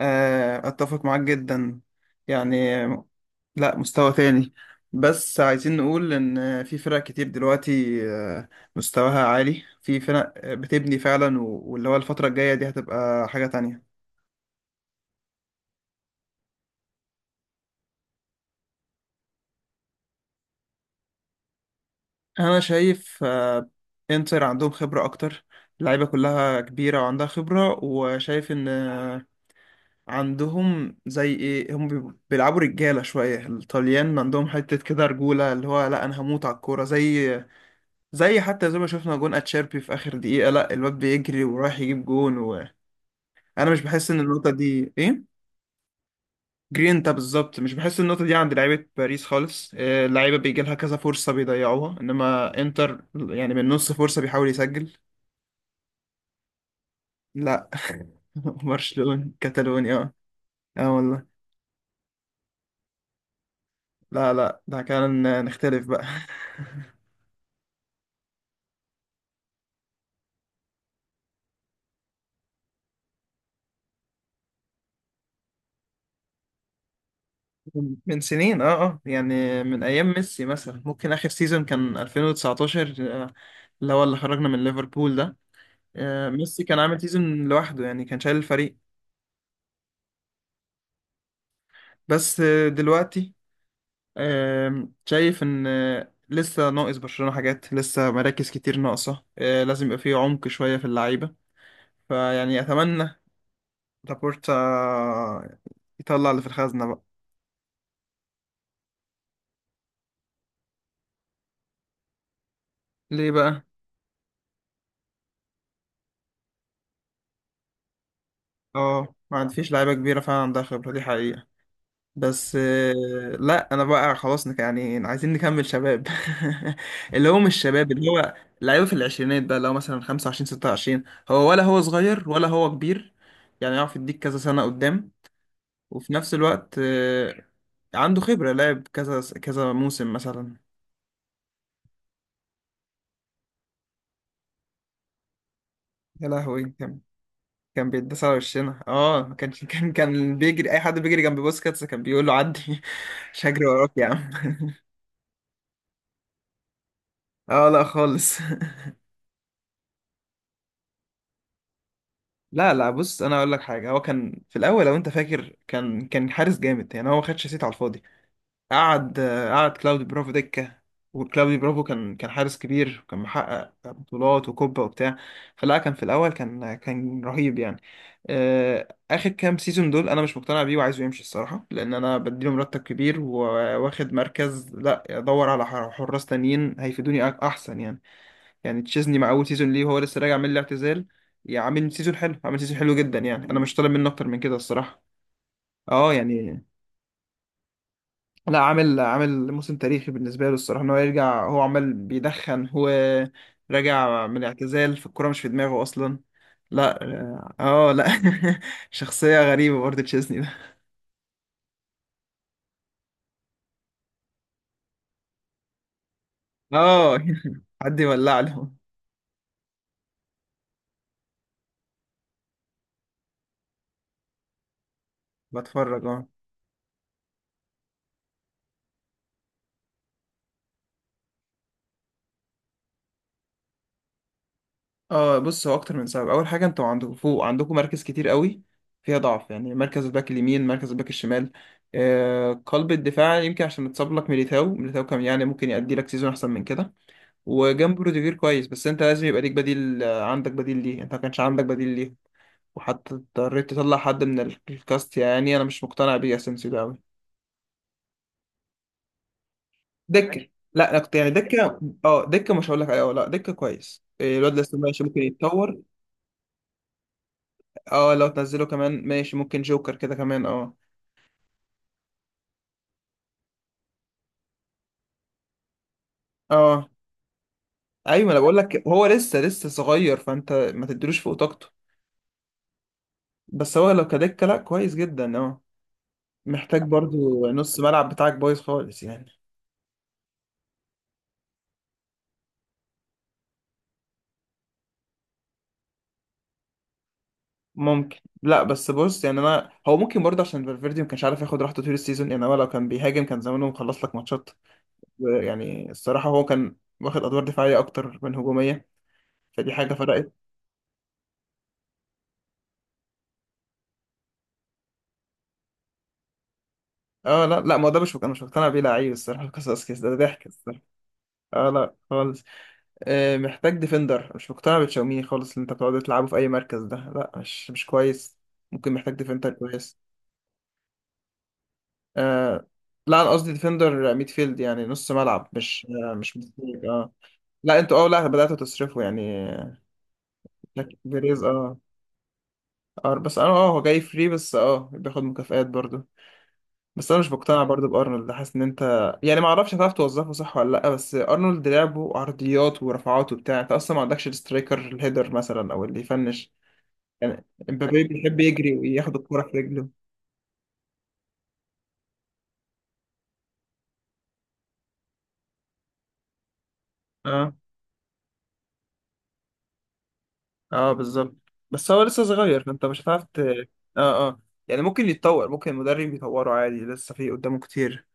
اتفق معاك جدا. يعني لا، مستوى تاني. بس عايزين نقول ان في فرق كتير دلوقتي مستواها عالي، في فرق بتبني فعلا واللي هو الفترة الجاية دي هتبقى حاجة تانية. انا شايف انتر عندهم خبرة اكتر، اللعيبة كلها كبيرة وعندها خبرة، وشايف ان عندهم زي ايه، هم بيلعبوا رجالة شوية. الطليان عندهم حتة كده رجولة، اللي هو لا، انا هموت على الكورة زي حتى زي ما شفنا جون اتشيربي في اخر دقيقة، لا الواد بيجري ورايح يجيب جون، وانا مش بحس ان النقطة دي ايه. جرينتا بالظبط، مش بحس النقطة دي عند لعيبة باريس خالص. اللعيبة بيجي لها كذا فرصة بيضيعوها، انما انتر يعني من نص فرصة بيحاول يسجل. لا. برشلونة، كتالونيا، اه. اه والله. لا لا، ده كان نختلف بقى. من سنين، اه اه، يعني من ايام ميسي مثلا، ممكن اخر سيزون كان 2019. آه، اللي هو اللي خرجنا من ليفربول ده. ميسي كان عامل سيزون لوحده، يعني كان شايل الفريق. بس دلوقتي. شايف ان لسه ناقص برشلونة حاجات، لسه مراكز كتير ناقصة. لازم يبقى فيه عمق شوية في اللعيبة. فيعني اتمنى لابورتا يطلع اللي في الخزنة بقى. ليه بقى. اه، ما عاد فيش لعيبة كبيرة فعلا عندها خبرة، دي حقيقة. بس لا، انا بقى خلاص، يعني عايزين نكمل شباب. اللي هو مش شباب، اللي هو لعيبه في العشرينات بقى، اللي هو مثلا 25 26. هو ولا هو صغير ولا هو كبير، يعني يعرف يديك كذا سنه قدام. وفي نفس الوقت عنده خبره لعب كذا كذا موسم مثلا. يا لهوي، كان بيتداس على وشنا. اه، ما كانش كان بيجري، اي حد بيجري جنب بوسكاتس كان بيقول له عدي. مش هجري وراك يا عم. اه، لا خالص. لا لا، بص، انا اقول لك حاجه. هو كان في الاول، لو انت فاكر، كان حارس جامد. يعني هو ما خدش سيت على الفاضي. قعد كلاودي برافو دكه، وكلاودي برافو كان حارس كبير، وكان محقق بطولات وكوبا وبتاع. فلا، كان في الاول كان رهيب يعني. اخر كام سيزون دول انا مش مقتنع بيه، وعايزه يمشي الصراحه، لان انا بديله مرتب كبير وواخد مركز، لا ادور على حراس تانيين هيفيدوني احسن يعني. يعني تشيزني مع اول سيزون ليه وهو لسه راجع من الاعتزال، يعني عامل سيزون حلو، عامل سيزون حلو جدا. يعني انا مش طالب منه اكتر من كده الصراحه. اه يعني، لا عامل موسم تاريخي بالنسبه له الصراحه. ان هو يرجع، هو عمال بيدخن، هو راجع من الاعتزال في الكوره مش في دماغه اصلا. لا. اه لا. شخصيه غريبه برضه تشيزني ده. اه. حد يولع له. بتفرج اه. اه، بص، هو اكتر من سبب. اول حاجه انتوا عندكم فوق، عندكم مراكز كتير قوي فيها ضعف، يعني مركز الباك اليمين، مركز الباك الشمال. آه، قلب الدفاع، يمكن عشان متصاب لك ميليتاو كان يعني ممكن يأدي لك سيزون احسن من كده. وجنبه روديجير كويس، بس انت لازم يبقى ليك بديل. عندك بديل ليه، انت ما كانش عندك بديل ليه. وحتى اضطريت تطلع حد من الكاست، يعني انا مش مقتنع بيه اسينسيو ده قوي. دكه. لا انا كنت يعني دكه. اه دكه، مش هقول لك ايوه، لا دكه كويس. الواد لسه ماشي، ممكن يتطور. اه، لو تنزله كمان ماشي، ممكن جوكر كده كمان، اه. اه ايوه، انا بقول لك هو لسه صغير، فانت ما تديلوش فوق طاقته. بس هو لو كدكه لا كويس جدا اه. محتاج برضو، نص ملعب بتاعك بايظ خالص يعني. ممكن، لا بس بص يعني، انا هو ممكن برضه عشان فالفيردي ما كانش عارف ياخد راحته طول السيزون. يعني هو لو كان بيهاجم كان زمانه مخلص لك ماتشات. يعني الصراحه هو كان واخد ادوار دفاعيه اكتر من هجوميه، فدي حاجه فرقت. اه لا لا، ما هو ده مش، انا مش مقتنع بيه لعيب الصراحه. قصص كده، ده ضحك الصراحه. اه لا خالص. محتاج ديفندر، مش مقتنع بتشاوميني خالص. اللي انت بتقعد تلعبه في اي مركز ده لا، مش كويس. ممكن محتاج ديفندر كويس. آه، لا انا قصدي ديفندر ميدفيلد، يعني نص ملعب، مش مدافع اه. لا انتوا اه، لا بدأتوا تصرفوا يعني. محتاج بيريز اه. اه، بس انا هو جاي فري، بس بياخد مكافآت برضه. بس انا مش مقتنع برضه بارنولد، حاسس ان انت يعني ما اعرفش هتعرف توظفه صح ولا لا. بس ارنولد لعبه عرضيات ورفعات وبتاع، انت اصلا ما عندكش السترايكر الهيدر مثلا او اللي يفنش. يعني امبابي بيحب يجري وياخد الكرة في رجله. اه اه بالظبط. بس هو لسه صغير، فانت مش هتعرف اه. اه يعني ممكن يتطور، ممكن المدرب يطوره عادي، لسه في قدامه كتير.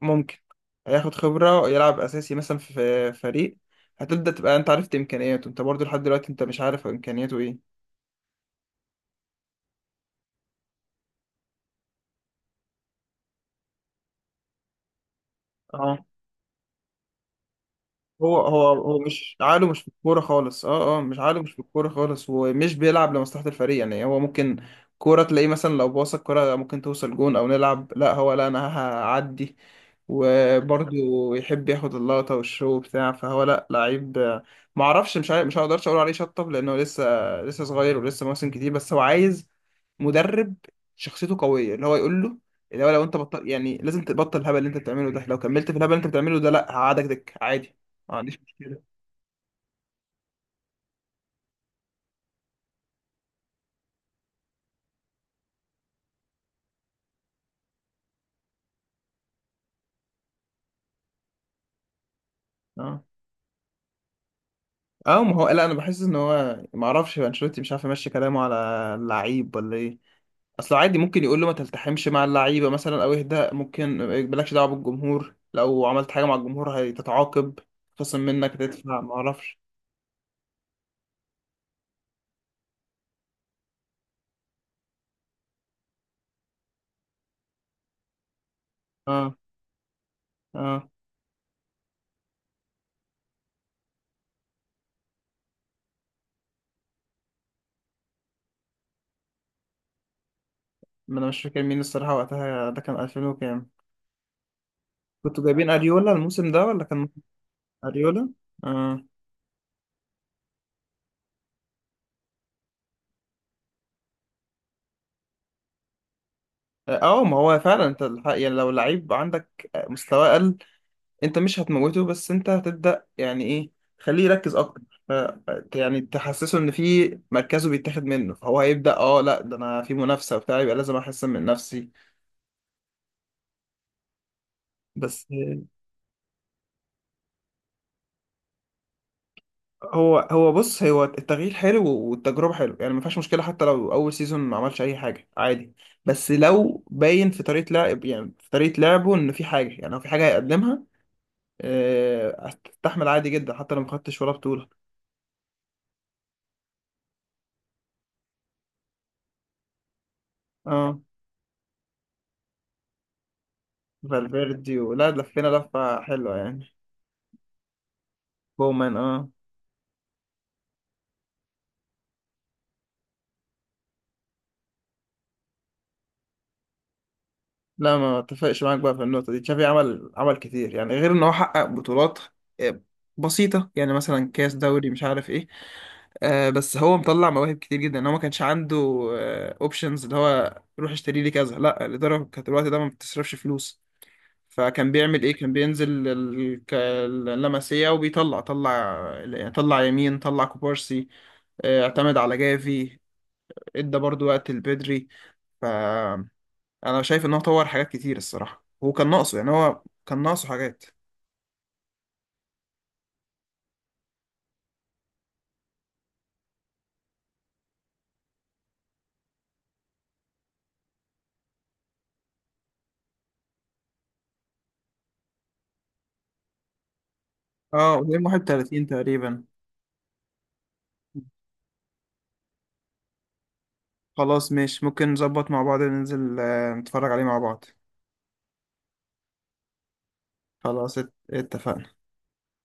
ممكن. هياخد خبرة يلعب أساسي مثلا في فريق. هتبدأ تبقى أنت عرفت إمكانياته، أنت برضو لحد دلوقتي أنت مش عارف إمكانياته إيه. اه. هو مش عقله مش في الكورة خالص. اه اه، مش عقله مش في الكورة خالص، ومش بيلعب لمصلحة الفريق. يعني هو ممكن كورة تلاقيه مثلا، لو باص الكورة ممكن توصل جون او نلعب، لا هو، لا انا هعدي. وبرضه يحب ياخد اللقطة والشو بتاع، فهو لا لعيب معرفش، مش عارف، مش هقدرش اقول عليه شطب، لانه لسه صغير، ولسه مواسم كتير. بس هو عايز مدرب شخصيته قويه، اللي هو يقول له، اللي هو لو انت بطل يعني لازم تبطل الهبل اللي انت بتعمله ده. لو كملت في الهبل اللي انت بتعمله ده لا، هقعدك دك عادي. ما عنديش مشكله. اه اه، ما هو لا، انا بحس ان هو، ما اعرفش، انشيلوتي مش عارف يمشي كلامه على اللعيب ولا ايه. اصل عادي ممكن يقول له ما تلتحمش مع اللعيبه مثلا، او اهدى، ممكن ما يقبلكش دعوه بالجمهور، لو عملت حاجه مع الجمهور هتتعاقب، خصم منك، هتدفع، ما اعرفش. اه اه، ما انا مش فاكر مين الصراحه وقتها، ده كان 2000 وكام. كنتوا جايبين اريولا الموسم ده ولا كان. اريولا. اه. اه ما هو فعلا انت الحق، يعني لو لعيب عندك مستواه اقل انت مش هتموته، بس انت هتبدا يعني ايه، خليه يركز اكتر، ف يعني تحسسه ان في مركزه بيتاخد منه، فهو هيبدا اه لا، ده انا في منافسه وبتاع، يبقى لازم احسن من نفسي. بس هو بص، هو التغيير حلو والتجربه حلو يعني، ما فيهاش مشكله حتى لو اول سيزون ما عملش اي حاجه عادي. بس لو باين في طريقه لعب، يعني في طريقه لعبه ان في حاجه، يعني هو في حاجه هيقدمها. استحمل عادي جدا حتى لو ما خدتش ولا بطولة. اه، فالفيردي ولا لفينا لفة حلوة يعني. بومان اه. لا ما اتفقش معاك بقى في النقطة دي، تشافي عمل كتير يعني، غير ان هو حقق بطولات آه، بسيطة، يعني مثلا كاس دوري مش عارف ايه. آه، بس هو مطلع مواهب كتير جدا، ان هو ما كانش عنده اوبشنز اللي هو روح اشتري لي كذا، لا الإدارة كانت الوقت ده ما بتصرفش فلوس. فكان بيعمل ايه، كان بينزل اللمسيه، وبيطلع طلع يمين طلع كوبارسي. اعتمد على جافي، ادى برضو وقت البدري. فانا شايف ان هو طور حاجات كتير الصراحه، هو كان ناقصه، يعني هو كان ناقصه حاجات. اه، قدام 31 تقريبا. خلاص ماشي، ممكن نظبط مع بعض ننزل نتفرج عليه مع بعض. خلاص اتفقنا.